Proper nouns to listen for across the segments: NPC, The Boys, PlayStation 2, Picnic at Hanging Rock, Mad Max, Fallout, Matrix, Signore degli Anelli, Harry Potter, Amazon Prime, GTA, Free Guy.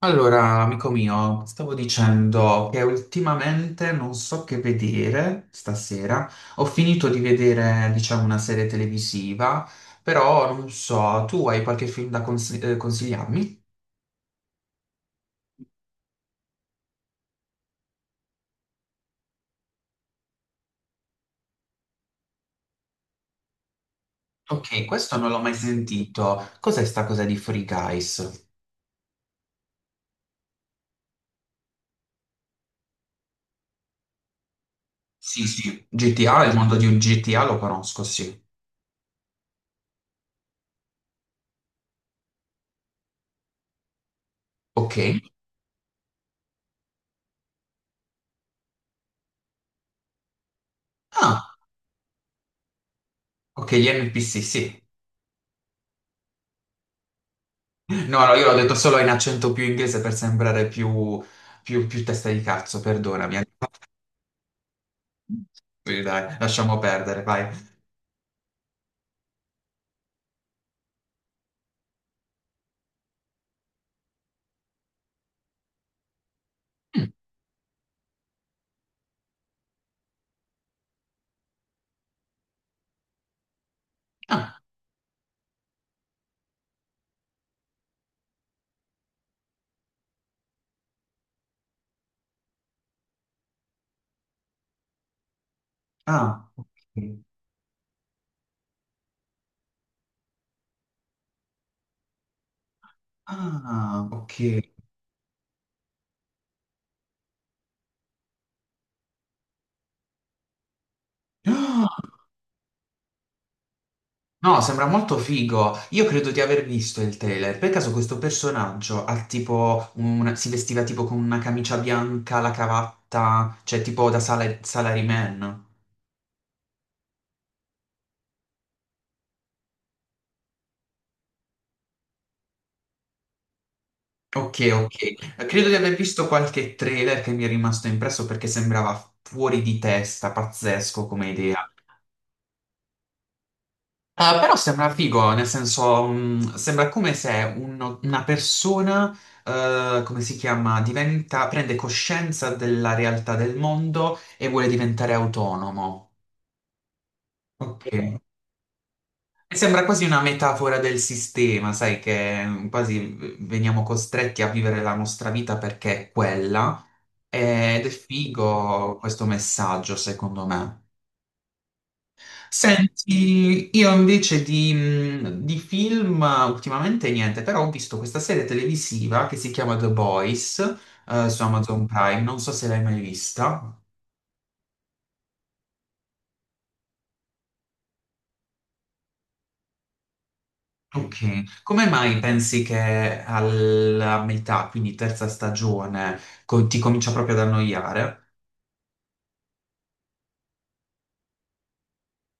Allora, amico mio, stavo dicendo che ultimamente non so che vedere stasera. Ho finito di vedere, diciamo, una serie televisiva, però non so, tu hai qualche film da consigliarmi? Ok, questo non l'ho mai sentito. Cos'è sta cosa di Free Guys? Sì, sì, GTA, il mondo di un GTA lo conosco, sì. Ok. Ah, ok, gli NPC, sì. No, no, io l'ho detto solo in accento più inglese per sembrare più, più testa di cazzo, perdonami. Sì, dai, lasciamo perdere, vai. Mm. Ah, ah, ok. Ah, ok. Ah, no, sembra molto figo. Io credo di aver visto il trailer. Per caso questo personaggio ha tipo si vestiva tipo con una camicia bianca, la cravatta, cioè tipo da salaryman. Ok, ok. Credo di aver visto qualche trailer che mi è rimasto impresso perché sembrava fuori di testa, pazzesco come idea. Ah, però sembra figo, nel senso, sembra come se una persona, come si chiama, diventa, prende coscienza della realtà del mondo e vuole diventare autonomo. Ok. E sembra quasi una metafora del sistema, sai, che quasi veniamo costretti a vivere la nostra vita perché è quella. Ed è figo questo messaggio, secondo me. Senti, io invece di, di film, ultimamente niente, però ho visto questa serie televisiva che si chiama The Boys, su Amazon Prime, non so se l'hai mai vista. Ok, come mai pensi che alla metà, quindi terza stagione, ti comincia proprio ad annoiare?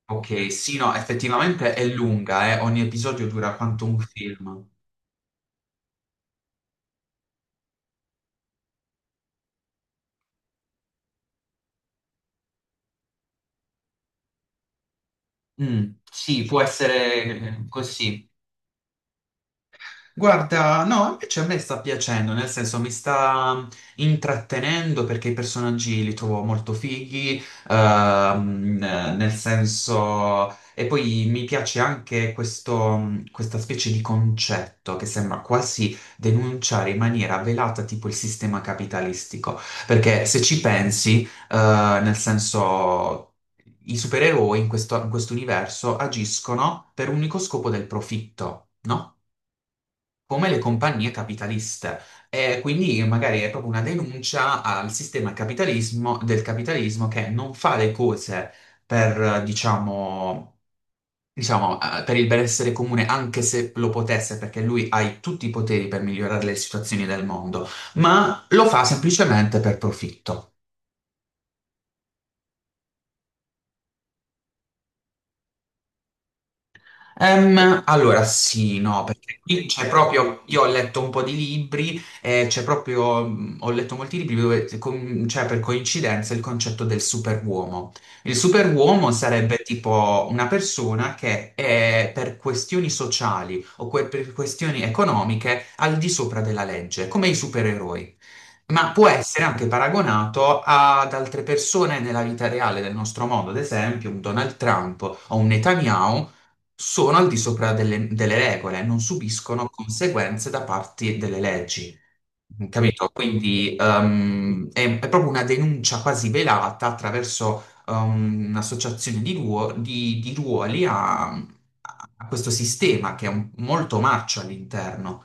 Ok, sì, no, effettivamente è lunga, ogni episodio dura quanto un film. Mm, sì, può essere, così. Guarda, no, invece a me sta piacendo, nel senso mi sta intrattenendo perché i personaggi li trovo molto fighi, ehm, nel senso. E poi mi piace anche questo, questa specie di concetto che sembra quasi denunciare in maniera velata tipo il sistema capitalistico, perché se ci pensi, nel senso. I supereroi in questo universo agiscono per un unico scopo del profitto, no? Come le compagnie capitaliste. E quindi magari è proprio una denuncia al sistema capitalismo, del capitalismo che non fa le cose per, diciamo, per il benessere comune, anche se lo potesse, perché lui ha tutti i poteri per migliorare le situazioni del mondo, ma lo fa semplicemente per profitto. Allora, sì, no, perché qui c'è proprio, io ho letto un po' di libri, c'è proprio, ho letto molti libri dove c'è per coincidenza il concetto del superuomo. Il superuomo sarebbe tipo una persona che è per questioni sociali o per questioni economiche al di sopra della legge, come i supereroi. Ma può essere anche paragonato ad altre persone nella vita reale del nostro mondo, ad esempio un Donald Trump o un Netanyahu sono al di sopra delle regole, non subiscono conseguenze da parte delle leggi. Capito? Quindi è proprio una denuncia quasi velata attraverso un'associazione di, di ruoli a questo sistema che è molto marcio all'interno.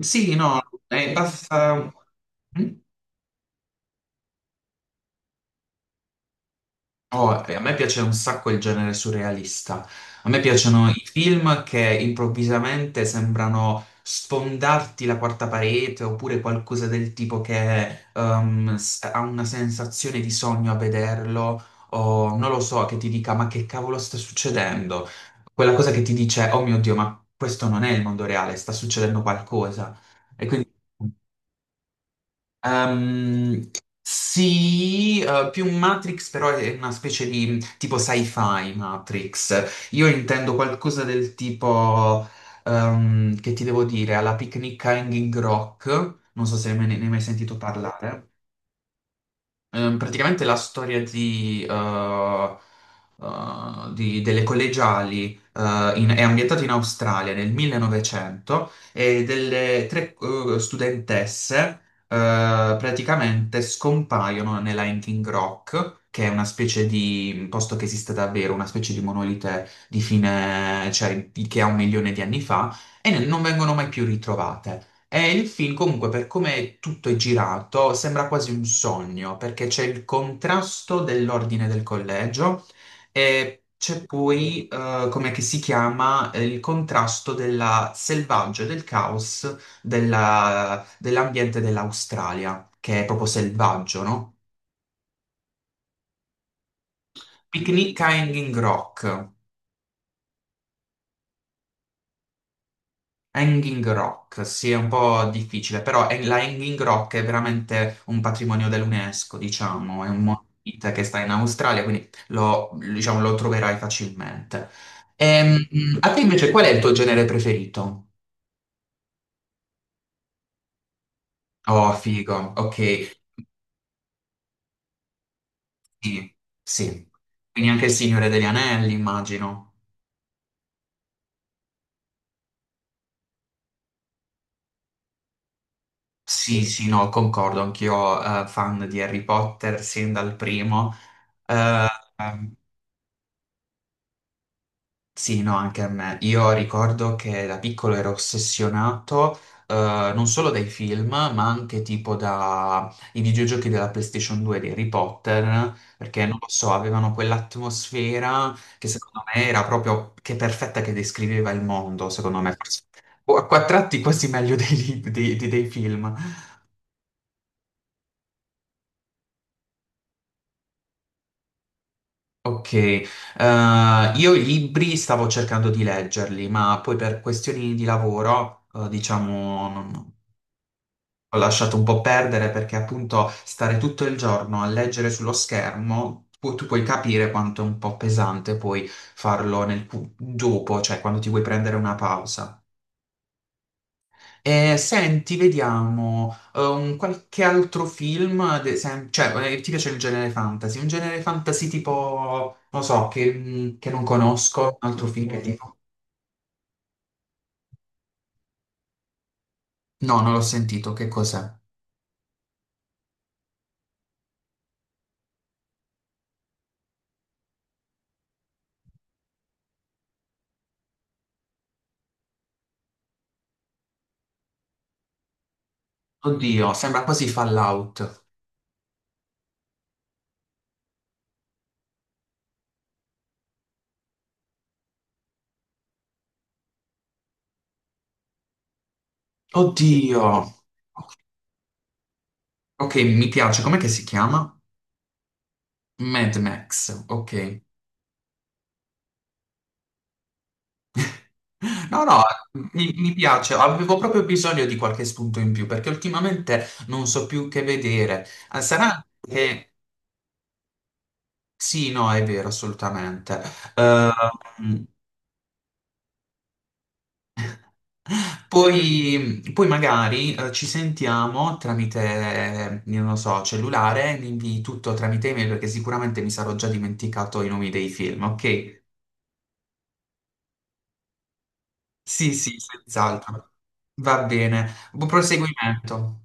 Sì, no, è basta. Mm? Oh, e a me piace un sacco il genere surrealista. A me piacciono i film che improvvisamente sembrano sfondarti la quarta parete oppure qualcosa del tipo che ha una sensazione di sogno a vederlo o non lo so, che ti dica ma che cavolo sta succedendo? Quella cosa che ti dice oh mio Dio, ma questo non è il mondo reale, sta succedendo qualcosa. E quindi Ehm, sì, più Matrix, però è una specie di tipo sci-fi Matrix. Io intendo qualcosa del tipo, che ti devo dire, alla Picnic a Hanging Rock. Non so se ne hai mai sentito parlare. Praticamente la storia delle collegiali, è ambientata in Australia nel 1900 e delle tre studentesse praticamente scompaiono nella Hanging Rock, che è una specie di posto che esiste davvero, una specie di monolite di fine, cioè che ha un milione di anni fa, e non vengono mai più ritrovate. E il film comunque per come tutto è girato sembra quasi un sogno perché c'è il contrasto dell'ordine del collegio e c'è poi, come che si chiama, il contrasto della selvaggio e del caos dell'ambiente dell'Australia, che è proprio selvaggio, no? Picnic a Hanging Rock. Hanging Rock, sì, è un po' difficile, però la Hanging Rock è veramente un patrimonio dell'UNESCO, diciamo, è un monumento che sta in Australia, quindi lo, diciamo, lo troverai facilmente. Mm. A te invece qual è il tuo genere preferito? Oh, figo, ok, sì, sì. Quindi anche il Signore degli Anelli, immagino. Sì, sì, no, concordo, anch'io, fan di Harry Potter sin dal primo. Eh, ehm, Sì, no, anche a me. Io ricordo che da piccolo ero ossessionato, eh, non solo dai film, ma anche tipo dai videogiochi della PlayStation 2 di Harry Potter, perché non lo so, avevano quell'atmosfera che secondo me era proprio che perfetta che descriveva il mondo, secondo me. O a quattro tratti quasi meglio dei film. Ok, io i libri stavo cercando di leggerli, ma poi per questioni di lavoro, diciamo, ho lasciato un po' perdere perché appunto stare tutto il giorno a leggere sullo schermo, tu puoi capire quanto è un po' pesante poi farlo nel dopo, cioè quando ti vuoi prendere una pausa. E senti, vediamo, un qualche altro film, cioè, ti piace il genere fantasy? Un genere fantasy tipo, non so, che non conosco, un altro film che tipo. No, non l'ho sentito, che cos'è? Oddio, sembra quasi Fallout. Oddio. Ok, mi piace. Com'è che si chiama? Mad Max, ok. No, no, mi piace. Avevo proprio bisogno di qualche spunto in più perché ultimamente non so più che vedere. Sarà che. Sì, no, è vero, assolutamente. Ehm, poi magari, ci sentiamo tramite, io non so, cellulare, mi invii tutto tramite email perché sicuramente mi sarò già dimenticato i nomi dei film, ok? Sì, sì, senz'altro. Va bene. Buon proseguimento.